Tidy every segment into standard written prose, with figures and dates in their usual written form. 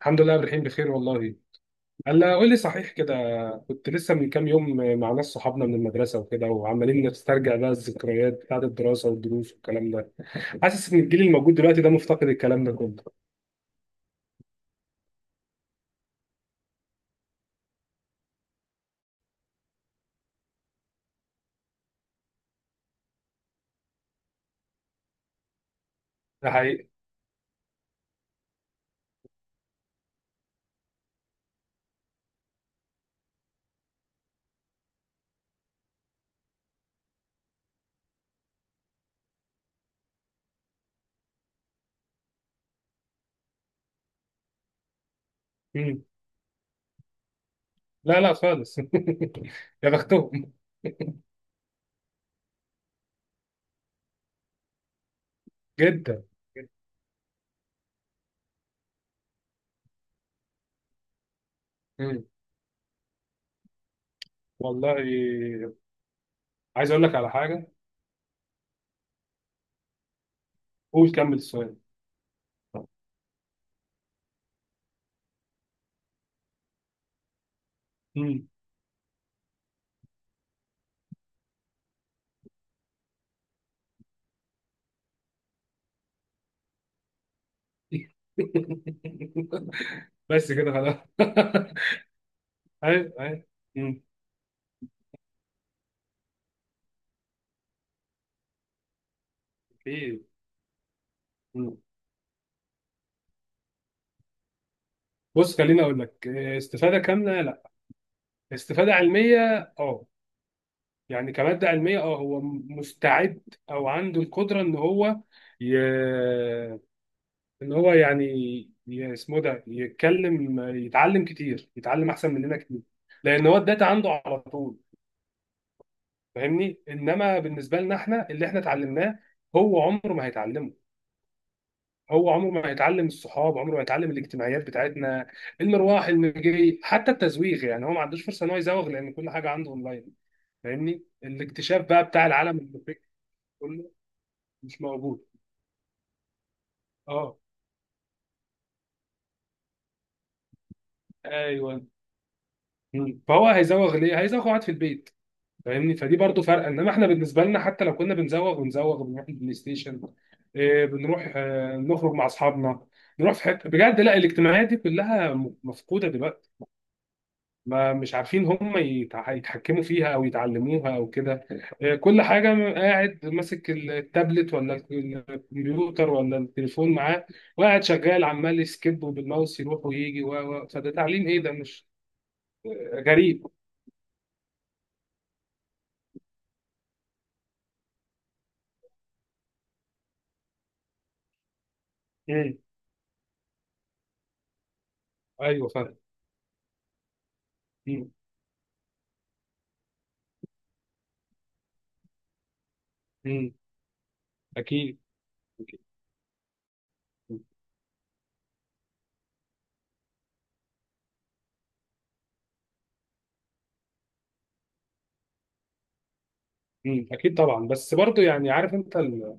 الحمد لله الرحيم بخير والله. هلا، قول لي، صحيح كده، كنت لسه من كام يوم مع ناس صحابنا من المدرسه وكده وعمالين نسترجع بقى الذكريات بتاعت الدراسه والدروس والكلام ده. حاسس ان الجيل الموجود دلوقتي ده مفتقد الكلام ده كله. ده حقيقي. مم. لا لا خالص. يا بختهم. جدا. مم. والله. عايز اقول لك على حاجه. قول كمل السؤال. مم. بس كده خلاص. ايوه ايوه. مم. اكيد. بص، خليني اقول لك، استفاده كامله لا، استفاده علميه. اه، يعني كماده علميه، اه، هو مستعد، او عنده القدره ان هو ي... ان هو يعني اسمه ده يتعلم كتير، يتعلم احسن مننا كتير، لان هو الداتا عنده على طول. فاهمني؟ انما بالنسبه لنا، احنا اللي احنا اتعلمناه هو عمره ما هيتعلمه. هو عمره ما هيتعلم الصحاب، عمره ما هيتعلم الاجتماعيات بتاعتنا، المروح المجي، حتى التزويغ. يعني هو ما عندوش فرصه ان هو يزوغ، لان كل حاجه عنده اونلاين. فاهمني؟ الاكتشاف بقى بتاع العالم الفكري كله مش موجود. اه، ايوه. مم. فهو هيزوغ ليه؟ هيزوغ قاعد في البيت. فاهمني؟ فدي برضو فرق. انما احنا بالنسبه لنا، حتى لو كنا بنزوغ بنروح البلاي ستيشن، بنروح، نخرج مع اصحابنا، نروح في حته بجد. لا، الاجتماعيات دي كلها مفقوده دلوقتي. ما مش عارفين هم يتحكموا فيها، او يتعلموها، او كده. كل حاجه، قاعد ماسك التابلت، ولا الكمبيوتر، ولا التليفون معاه، وقاعد شغال عمال يسكيب، وبالماوس يروح ويجي، فده تعليم ايه؟ ده مش غريب؟ مم. ايوه، فاهم. مم. مم. اكيد. مم. اكيد طبعا، بس برضو يعني، عارف انت ال...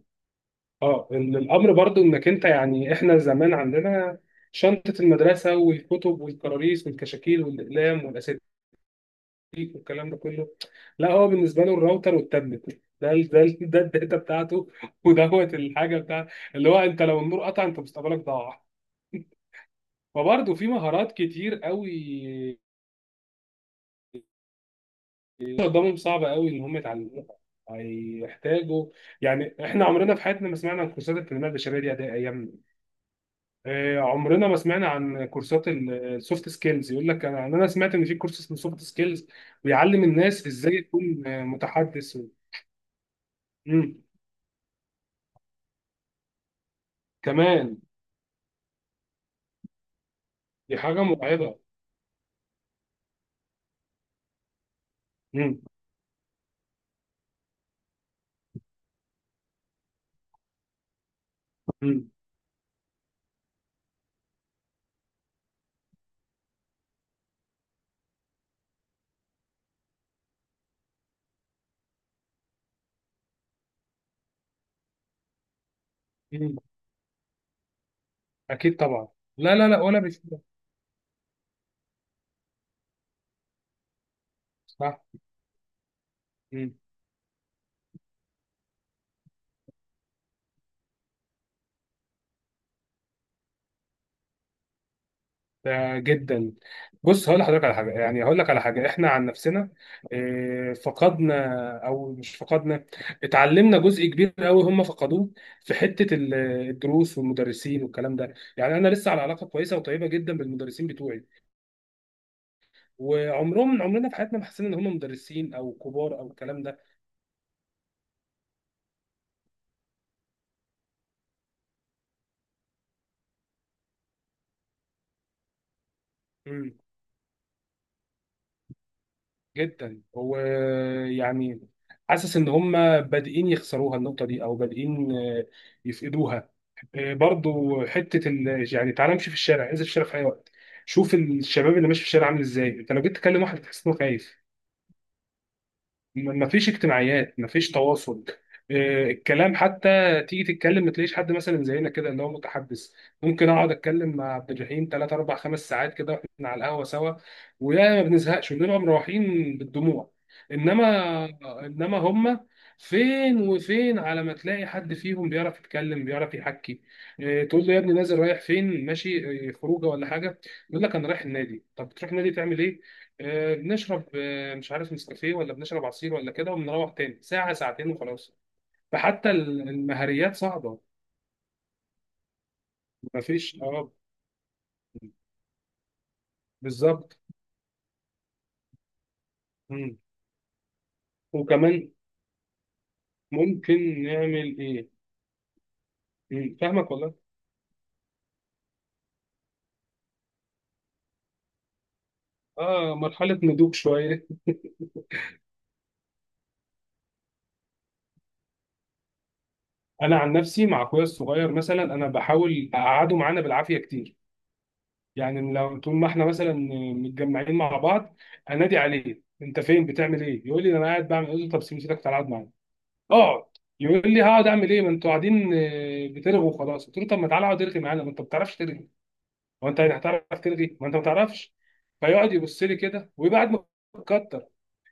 اه ال- الامر، برضو انك انت، يعني احنا زمان عندنا شنطه المدرسه، والكتب، والكراريس، والكشاكيل، والاقلام، والاساتذه، والكلام ده كله. لا، هو بالنسبه له الراوتر والتابلت، ده الداتا بتاعته، ودوت الحاجه بتاع اللي هو، انت لو النور قطع انت مستقبلك ضاع. وبرضه في مهارات كتير قوي قدامهم، صعبة قوي ان هم يتعلموها، هيحتاجوا. يعني احنا عمرنا في حياتنا ما سمعنا عن كورسات التنميه البشريه دي اداء ايامنا. عمرنا ما سمعنا عن كورسات السوفت سكيلز. يقول لك، انا سمعت ان في كورس اسمه سوفت سكيلز بيعلم الناس ازاي تكون متحدث، مم. كمان. دي حاجة مرعبة. مم. مم. مم. أكيد طبعا. لا لا لا، ولا بشوف. صح. مم. ده جدا. بص، هقول لحضرتك على حاجة، يعني هقول لك على حاجة. إحنا عن نفسنا فقدنا، أو مش فقدنا، اتعلمنا جزء كبير قوي هم فقدوه، في حتة الدروس والمدرسين والكلام ده. يعني أنا لسه على علاقة كويسة وطيبة جدا بالمدرسين بتوعي. عمرنا في حياتنا ما حسينا إن هم مدرسين أو كبار أو الكلام ده جدا. هو يعني، حاسس ان هم بادئين يخسروها النقطه دي، او بادئين يفقدوها. برضو حته يعني تعالى امشي في الشارع، انزل في الشارع في اي وقت، شوف الشباب اللي ماشي في الشارع عامل ازاي. انت لو جيت تكلم واحد تحس انه خايف. مفيش اجتماعيات، مفيش تواصل. الكلام حتى، تيجي تتكلم ما تلاقيش حد مثلا زينا كده، اللي هو متحدث. ممكن اقعد اتكلم مع عبد الرحيم 3 4 5 ساعات كده، واحنا على القهوه سوا، ويا ما بنزهقش، بنبقى مروحين بالدموع. انما هم، فين وفين على ما تلاقي حد فيهم بيعرف يتكلم، بيعرف يحكي. تقول له يا ابني نازل رايح فين ماشي؟ خروجه ولا حاجه؟ يقول لك انا رايح النادي. طب بتروح النادي تعمل ايه؟ بنشرب، مش عارف، نسكافيه، ولا بنشرب عصير، ولا كده، وبنروح تاني ساعة ساعتين وخلاص. فحتى المهريات صعبة. مفيش، اه. بالظبط. مم. وكمان ممكن نعمل ايه؟ مم. فاهمك والله. اه، مرحلة نضوج شوية. انا عن نفسي مع اخويا الصغير مثلا، انا بحاول اقعده معانا بالعافية كتير. يعني لو طول ما احنا مثلا متجمعين مع بعض، انادي عليه، انت فين بتعمل ايه؟ يقول لي انا قاعد بعمل ايه، طب سيبني سيبك تعالى اقعد معايا، اقعد. يقول لي هقعد اعمل ايه، ما انتوا قاعدين بترغوا وخلاص. قلت له طب ما تعالى اقعد ارغي معانا، ما انت ما بتعرفش ترغي. هو انت يعني هتعرف ترغي؟ ما انت ما بتعرفش. فيقعد يبص لي كده، ويبقى قاعد متكتر،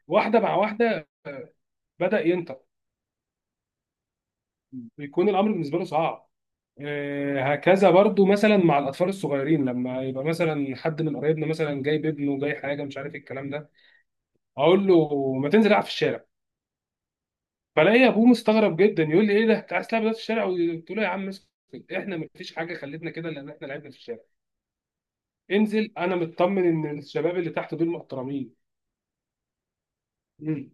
واحده مع واحده بدا ينطق. بيكون الامر بالنسبه له صعب. هكذا برضو، مثلا مع الاطفال الصغيرين، لما يبقى مثلا حد من قرايبنا مثلا جايب ابنه جاي، حاجه مش عارف إيه الكلام ده، اقول له ما تنزل العب في الشارع. فلاقي ابوه مستغرب جدا يقول لي ايه ده، انت عايز تلعب دلوقتي في الشارع؟ قلت له يا عم اسكت، احنا مفيش حاجه خلتنا كده، لان احنا لعبنا في الشارع. انزل، انا مطمن ان الشباب اللي تحت دول محترمين. مم.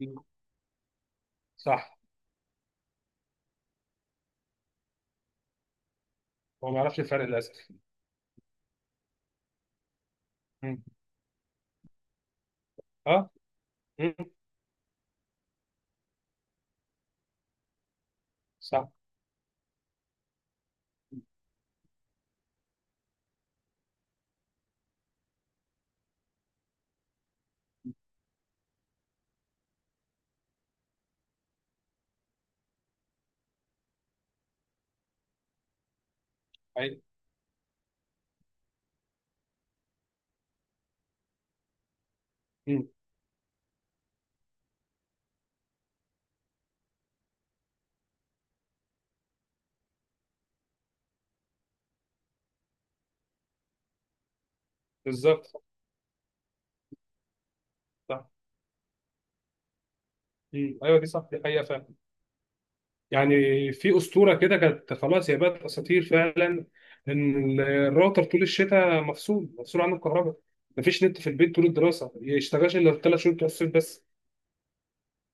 مم. صح. هو ما يعرفش الفرق للاسف. مم. اه. مم. صح. ايوه. مم. بالظبط. صح. مم. ايوه، دي صح، دي حقيقه فعلا. يعني في اسطوره كده كانت، خلاص هي بقت اساطير فعلا، ان الراوتر طول الشتاء مفصول، مفصول عنه الكهرباء، مفيش نت في البيت طول الدراسه، ما يشتغلش الا ثلاث شهور بتوع الصيف بس.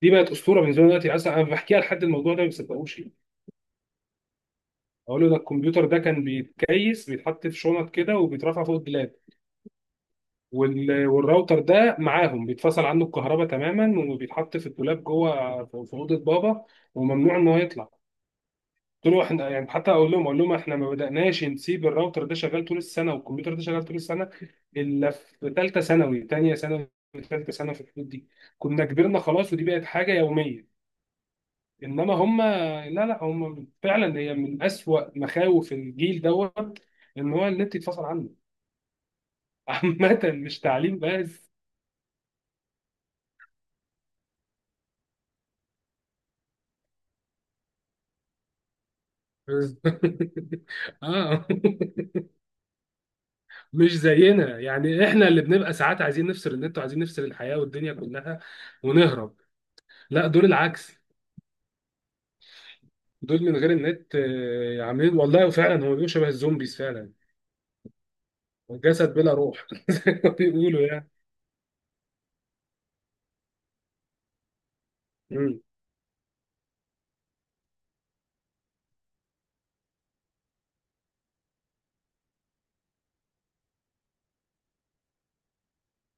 دي بقت اسطوره بالنسبه لي دلوقتي، اصلا انا بحكيها لحد الموضوع ده ما بيصدقوش. اقول له ده الكمبيوتر ده كان بيتكيس، بيتحط في شنط كده وبيترفع فوق الدولاب. والراوتر ده معاهم بيتفصل عنه الكهرباء تماما، وبيتحط في الدولاب جوه في اوضه بابا، وممنوع ان هو يطلع. قلت له احنا يعني حتى، اقول لهم احنا ما بدأناش نسيب الراوتر ده شغال طول السنه، والكمبيوتر ده شغال طول السنه، الا في ثالثه ثانوي، ثانيه ثانوي، ثالثه ثانوي، في الحدود دي، كنا كبرنا خلاص ودي بقت حاجه يوميه. انما هم، لا لا، هم فعلا هي من اسوأ مخاوف الجيل دوت، ان هو النت يتفصل عنه. عامة مش تعليم بس. اه مش زينا. يعني احنا اللي بنبقى ساعات عايزين نفصل النت، وعايزين نفصل الحياة والدنيا كلها ونهرب. لا، دول العكس، دول من غير النت عاملين، والله فعلا هو بيبقوا شبه الزومبيز فعلا، جسد بلا روح زي ما بيقولوا يعني. مم.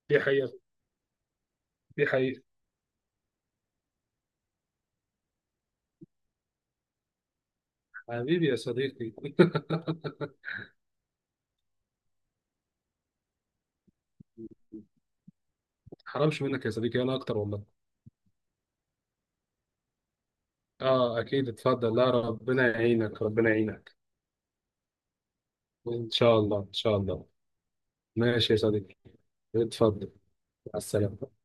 دي حقيقة، دي حقيقة. حبيبي يا صديقي. حرامش منك يا صديقي، انا اكتر والله. اه اكيد، اتفضل، لا ربنا يعينك ربنا يعينك. ان شاء الله ان شاء الله. ماشي يا صديقي. اتفضل. مع السلامه.